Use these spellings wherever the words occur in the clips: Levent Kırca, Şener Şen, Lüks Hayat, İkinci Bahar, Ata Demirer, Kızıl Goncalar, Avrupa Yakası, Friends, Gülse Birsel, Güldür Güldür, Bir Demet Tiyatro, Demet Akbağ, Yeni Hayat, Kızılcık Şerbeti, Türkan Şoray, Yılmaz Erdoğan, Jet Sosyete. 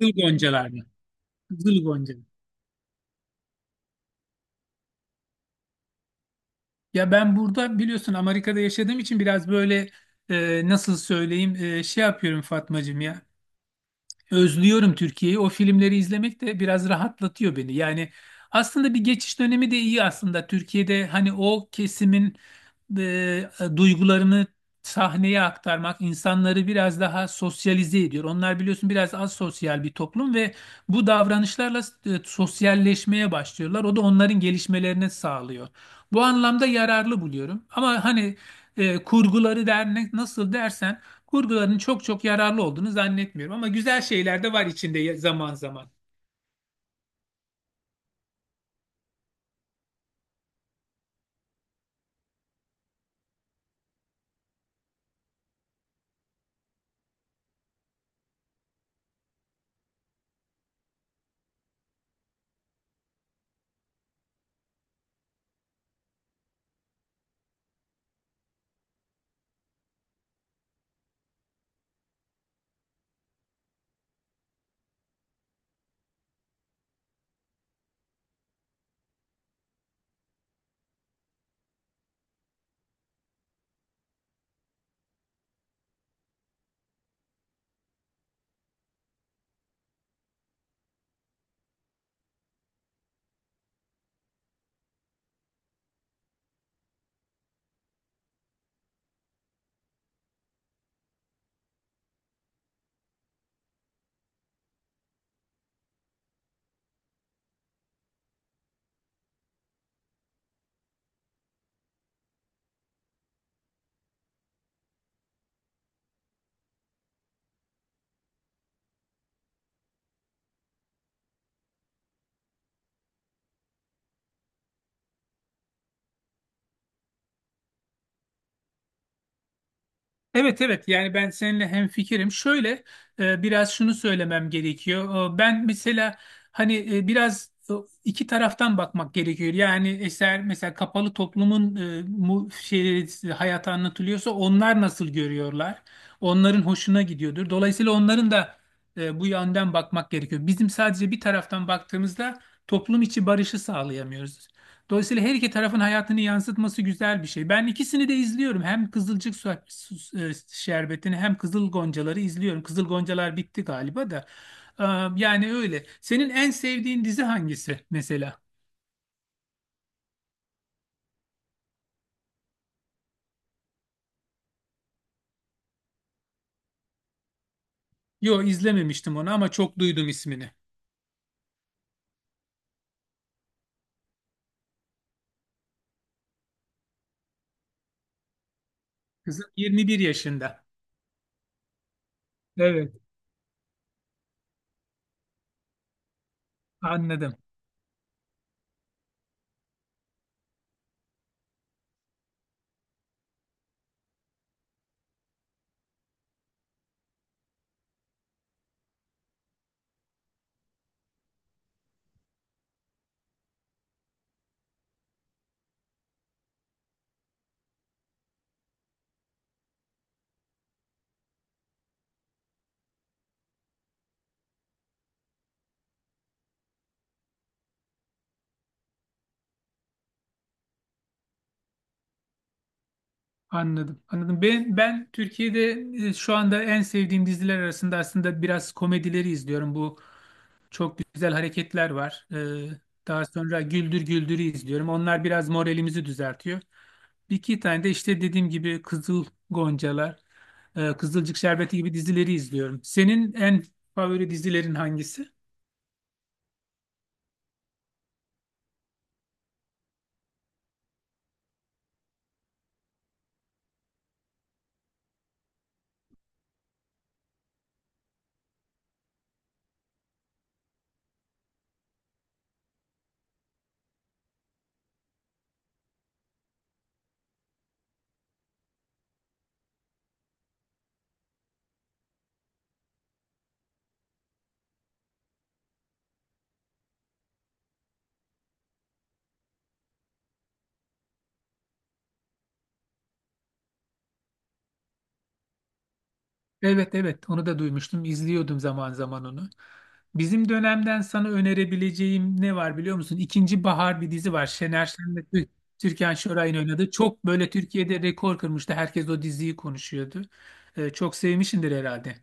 Kızıl Goncalar'da. Kızıl Goncalar. Ya ben burada biliyorsun Amerika'da yaşadığım için biraz böyle, nasıl söyleyeyim, şey yapıyorum Fatmacığım ya. Özlüyorum Türkiye'yi. O filmleri izlemek de biraz rahatlatıyor beni. Yani aslında bir geçiş dönemi de iyi aslında. Türkiye'de hani o kesimin e, duygularını sahneye aktarmak insanları biraz daha sosyalize ediyor. Onlar biliyorsun biraz az sosyal bir toplum ve bu davranışlarla sosyalleşmeye başlıyorlar. O da onların gelişmelerini sağlıyor. Bu anlamda yararlı buluyorum. Ama hani kurguları der nasıl dersen, kurguların çok çok yararlı olduğunu zannetmiyorum ama güzel şeyler de var içinde zaman zaman. Evet, evet, yani ben seninle hemfikirim. Şöyle, biraz şunu söylemem gerekiyor. Ben mesela hani, iki taraftan bakmak gerekiyor. Yani eser mesela kapalı toplumun, şeyleri, hayatı anlatılıyorsa onlar nasıl görüyorlar? Onların hoşuna gidiyordur. Dolayısıyla onların da bu yönden bakmak gerekiyor. Bizim sadece bir taraftan baktığımızda toplum içi barışı sağlayamıyoruz. Dolayısıyla her iki tarafın hayatını yansıtması güzel bir şey. Ben ikisini de izliyorum. Hem Kızılcık Şerbeti'ni hem Kızıl Goncaları izliyorum. Kızıl Goncalar bitti galiba da. Ee, Yani öyle. Senin en sevdiğin dizi hangisi mesela? Yo, izlememiştim onu ama çok duydum ismini. Kızım 21 yaşında. Evet, anladım. Anladım. Anladım. Ben Türkiye'de şu anda en sevdiğim diziler arasında aslında biraz komedileri izliyorum. Bu çok güzel hareketler var. Daha sonra Güldür Güldür'ü izliyorum. Onlar biraz moralimizi düzeltiyor. Bir iki tane de işte dediğim gibi Kızıl Goncalar, Kızılcık Şerbeti gibi dizileri izliyorum. Senin en favori dizilerin hangisi? Evet, evet, onu da duymuştum. İzliyordum zaman zaman onu. Bizim dönemden sana önerebileceğim ne var biliyor musun? İkinci Bahar bir dizi var. Şener Şen ve Türkan Şoray'ın oynadığı. Çok böyle Türkiye'de rekor kırmıştı. Herkes o diziyi konuşuyordu. Çok sevmişsindir herhalde.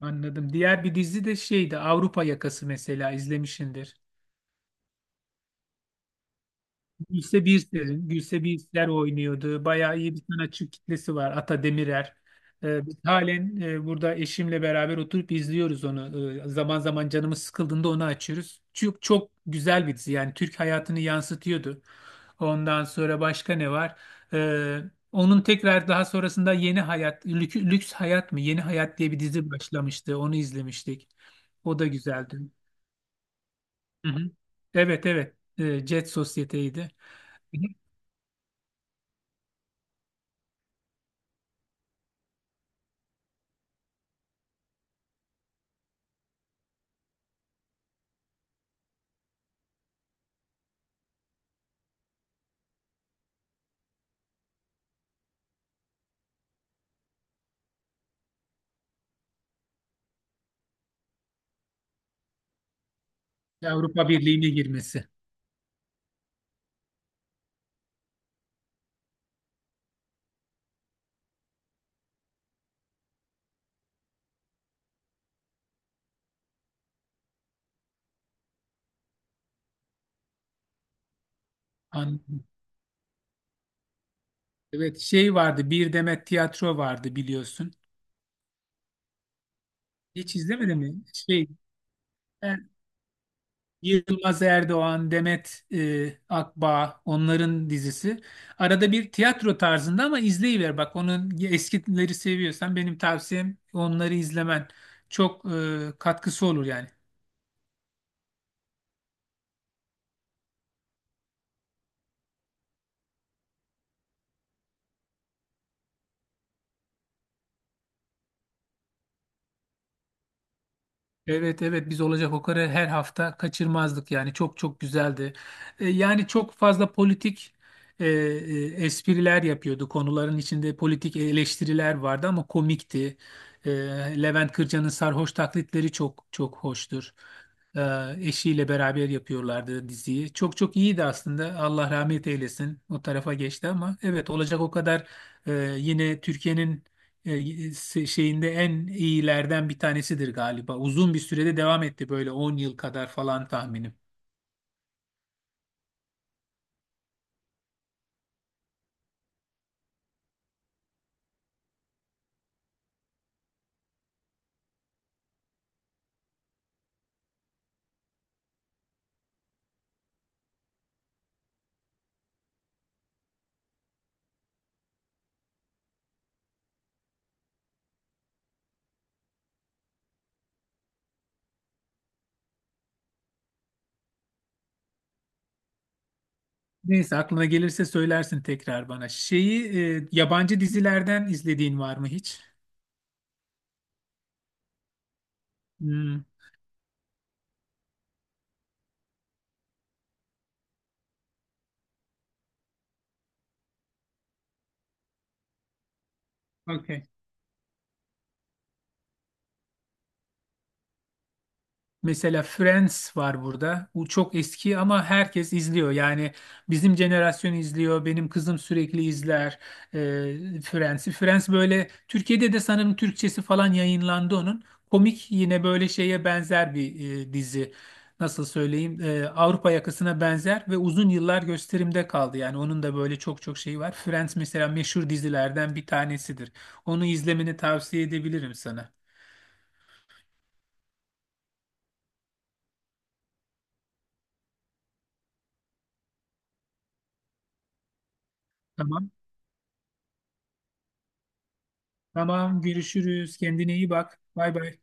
Anladım. Diğer bir dizi de şeydi, Avrupa Yakası, mesela izlemişsindir. Gülse Birsel'in, Gülse Birsel oynuyordu. Bayağı iyi bir sanatçı kitlesi var. Ata Demirer. Biz halen burada eşimle beraber oturup izliyoruz onu. Zaman zaman canımız sıkıldığında onu açıyoruz. Çok, çok güzel bir dizi. Yani Türk hayatını yansıtıyordu. Ondan sonra başka ne var? Ee, Onun tekrar daha sonrasında Yeni Hayat, Lüks Hayat mı? Yeni Hayat diye bir dizi başlamıştı. Onu izlemiştik. O da güzeldi. Hı hı. Evet, evet. Jet Sosyete'ydi. Avrupa Birliği'ne girmesi. Anladım. Evet, şey vardı, Bir Demet Tiyatro vardı biliyorsun. Hiç izlemedin mi? Şey, Er- Yılmaz Erdoğan, Demet Akbağ onların dizisi. Arada bir tiyatro tarzında ama izleyiver bak, onun eskileri seviyorsan benim tavsiyem onları izlemen. Çok katkısı olur yani. Evet, evet, biz olacak o kadar her hafta kaçırmazdık, yani çok çok güzeldi. Yani çok fazla politik espriler yapıyordu, konuların içinde politik eleştiriler vardı ama komikti. E, Levent Kırca'nın sarhoş taklitleri çok çok hoştur. E, Eşiyle beraber yapıyorlardı diziyi. Çok çok iyiydi aslında, Allah rahmet eylesin o tarafa geçti, ama evet olacak o kadar yine Türkiye'nin e, şeyinde en iyilerden bir tanesidir galiba. Uzun bir sürede devam etti, böyle 10 yıl kadar falan tahminim. Neyse, aklına gelirse söylersin tekrar bana. Şeyi, yabancı dizilerden izlediğin var mı hiç? Hmm, okey. Mesela Friends var burada. Bu çok eski ama herkes izliyor. Yani bizim jenerasyon izliyor. Benim kızım sürekli izler Friends'i. Friends böyle Türkiye'de de sanırım Türkçesi falan yayınlandı onun. Komik, yine böyle şeye benzer bir dizi. Nasıl söyleyeyim? Avrupa Yakası'na benzer ve uzun yıllar gösterimde kaldı. Yani onun da böyle çok çok şeyi var. Friends mesela meşhur dizilerden bir tanesidir. Onu izlemeni tavsiye edebilirim sana. Tamam. Tamam, görüşürüz. Kendine iyi bak. Bay bay.